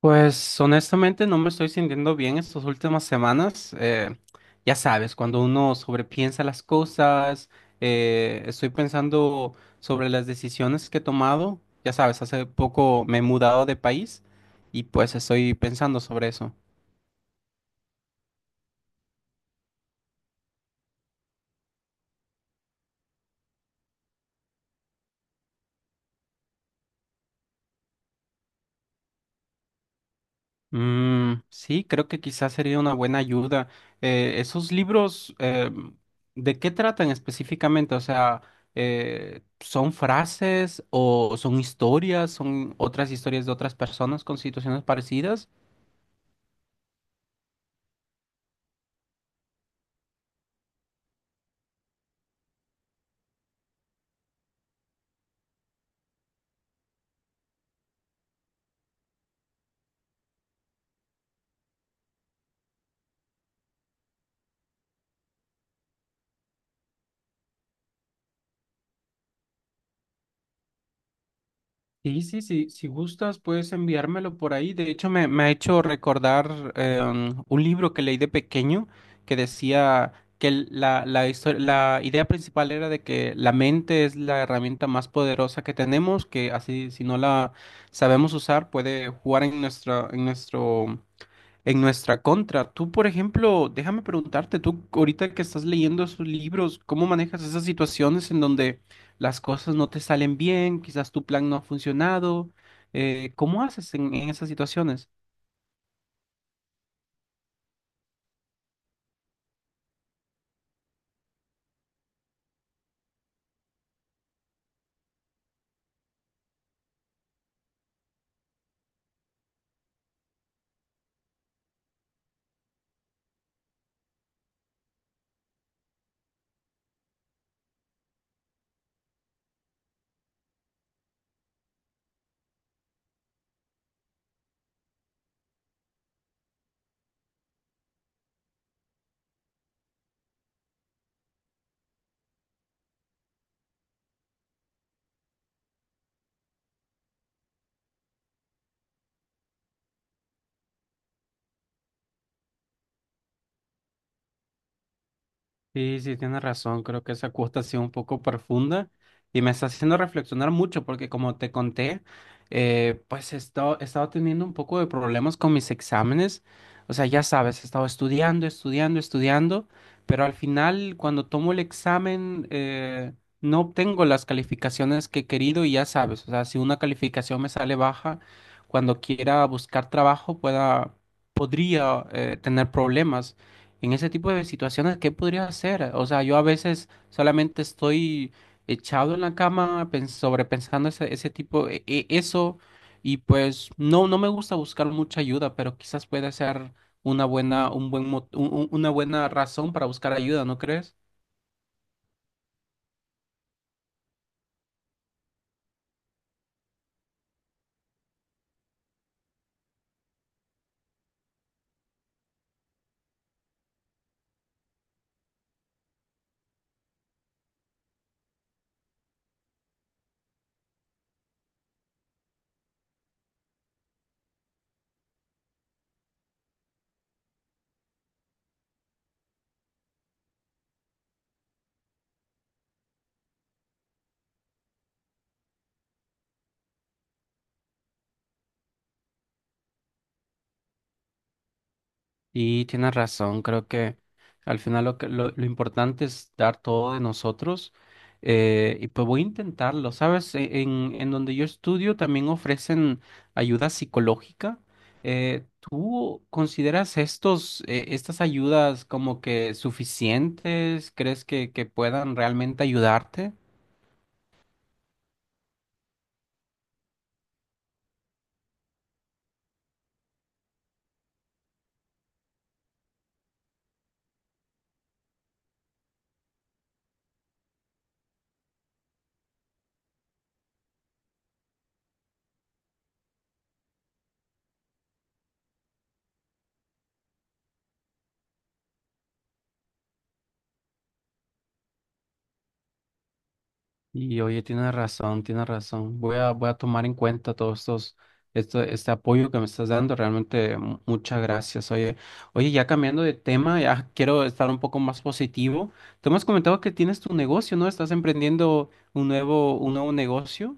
Pues honestamente no me estoy sintiendo bien estas últimas semanas. Ya sabes, cuando uno sobrepiensa las cosas, estoy pensando sobre las decisiones que he tomado. Ya sabes, hace poco me he mudado de país y pues estoy pensando sobre eso. Mm, sí, creo que quizás sería una buena ayuda. Esos libros, ¿de qué tratan específicamente? O sea, ¿son frases o son historias? ¿Son otras historias de otras personas con situaciones parecidas? Sí, sí, sí, si gustas puedes enviármelo por ahí. De hecho, me ha hecho recordar un libro que leí de pequeño que decía que la idea principal era de que la mente es la herramienta más poderosa que tenemos, que así si no la sabemos usar puede jugar en nuestro, en nuestra contra. Tú, por ejemplo, déjame preguntarte, tú ahorita que estás leyendo esos libros, ¿cómo manejas esas situaciones en donde las cosas no te salen bien, quizás tu plan no ha funcionado? ¿Cómo haces en esas situaciones? Sí, sí, tienes razón. Creo que esa cuota ha sido un poco profunda y me está haciendo reflexionar mucho porque como te conté, pues he estado teniendo un poco de problemas con mis exámenes. O sea, ya sabes, he estado estudiando, estudiando, estudiando, pero al final cuando tomo el examen no obtengo las calificaciones que he querido y ya sabes, o sea, si una calificación me sale baja, cuando quiera buscar trabajo podría tener problemas. En ese tipo de situaciones, ¿qué podría hacer? O sea, yo a veces solamente estoy echado en la cama sobrepensando ese tipo, eso, y pues no, no me gusta buscar mucha ayuda, pero quizás puede ser una buena, un buen, mo- un- una buena razón para buscar ayuda, ¿no crees? Y tienes razón, creo que al final lo importante es dar todo de nosotros y pues voy a intentarlo, ¿sabes? En donde yo estudio también ofrecen ayuda psicológica. ¿Tú consideras estas ayudas como que suficientes? ¿Crees que puedan realmente ayudarte? Y oye, tienes razón, tienes razón. Voy a tomar en cuenta este apoyo que me estás dando. Realmente, muchas gracias. Oye, oye, ya cambiando de tema, ya quiero estar un poco más positivo. Tú me has comentado que tienes tu negocio, ¿no? Estás emprendiendo un nuevo negocio.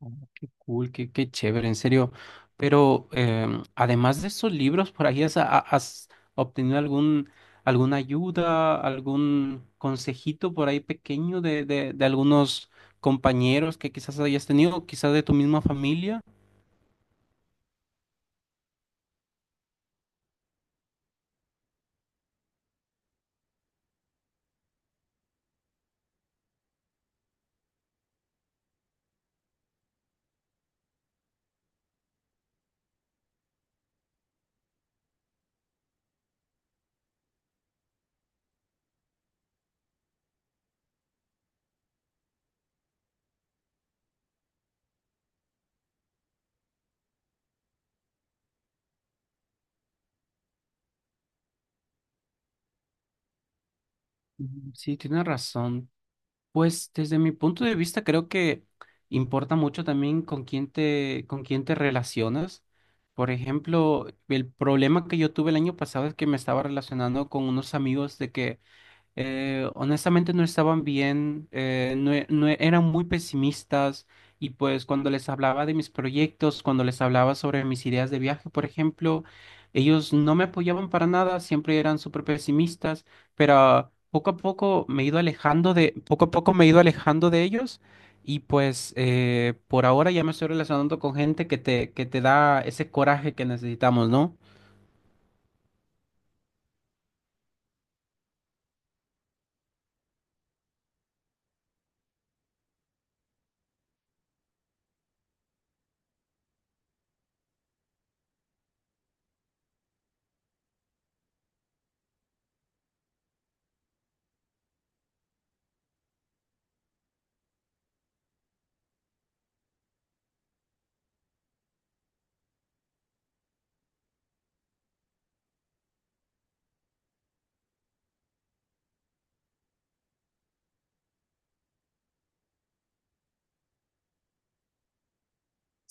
Oh, qué cool, qué chévere, en serio. Pero además de esos libros, ¿por ahí has obtenido alguna ayuda, algún consejito por ahí pequeño de algunos compañeros que quizás hayas tenido, quizás de tu misma familia? Mm, sí, tienes razón. Pues desde mi punto de vista creo que importa mucho también con quién te relacionas. Por ejemplo, el problema que yo tuve el año pasado es que me estaba relacionando con unos amigos de que honestamente no estaban bien, no, e- no e- eran muy pesimistas y pues cuando les hablaba de mis proyectos, cuando les hablaba sobre mis ideas de viaje, por ejemplo, ellos no me apoyaban para nada, siempre eran súper pesimistas, pero poco a poco me he ido alejando de, poco a poco me he ido alejando de ellos y pues por ahora ya me estoy relacionando con gente que te da ese coraje que necesitamos, ¿no?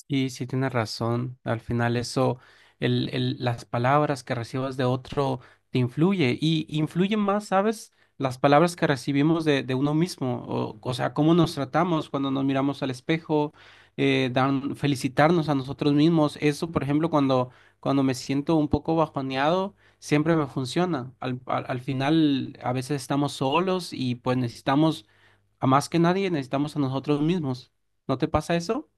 Y si tienes razón, al final eso, las palabras que recibas de otro te influye y influyen más, ¿sabes? Las palabras que recibimos de uno mismo, o sea, cómo nos tratamos cuando nos miramos al espejo, felicitarnos a nosotros mismos. Eso, por ejemplo, cuando me siento un poco bajoneado, siempre me funciona. Al final, a veces estamos solos y pues necesitamos, a más que nadie, necesitamos a nosotros mismos. ¿No te pasa eso?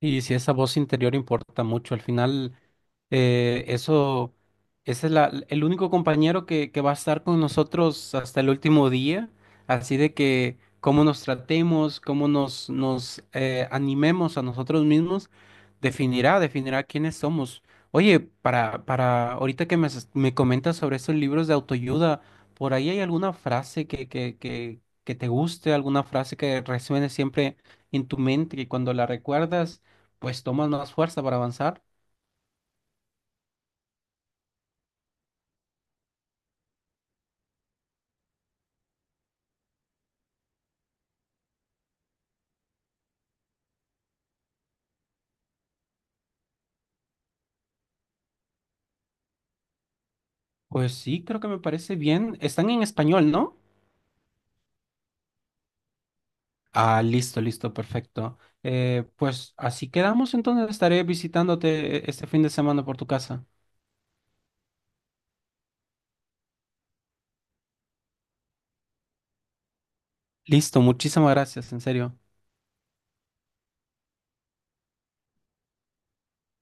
Y si esa voz interior importa mucho, al final eso, ese es el único compañero que va a estar con nosotros hasta el último día, así de que cómo nos tratemos, cómo nos, nos animemos a nosotros mismos, definirá quiénes somos. Oye, para ahorita que me comentas sobre estos libros de autoayuda, ¿por ahí hay alguna frase que te guste, alguna frase que resuene siempre en tu mente y cuando la recuerdas? Pues tomas más fuerza para avanzar. Pues sí, creo que me parece bien. Están en español, ¿no? Ah, listo, listo, perfecto. Pues así quedamos, entonces estaré visitándote este fin de semana por tu casa. Listo, muchísimas gracias, en serio.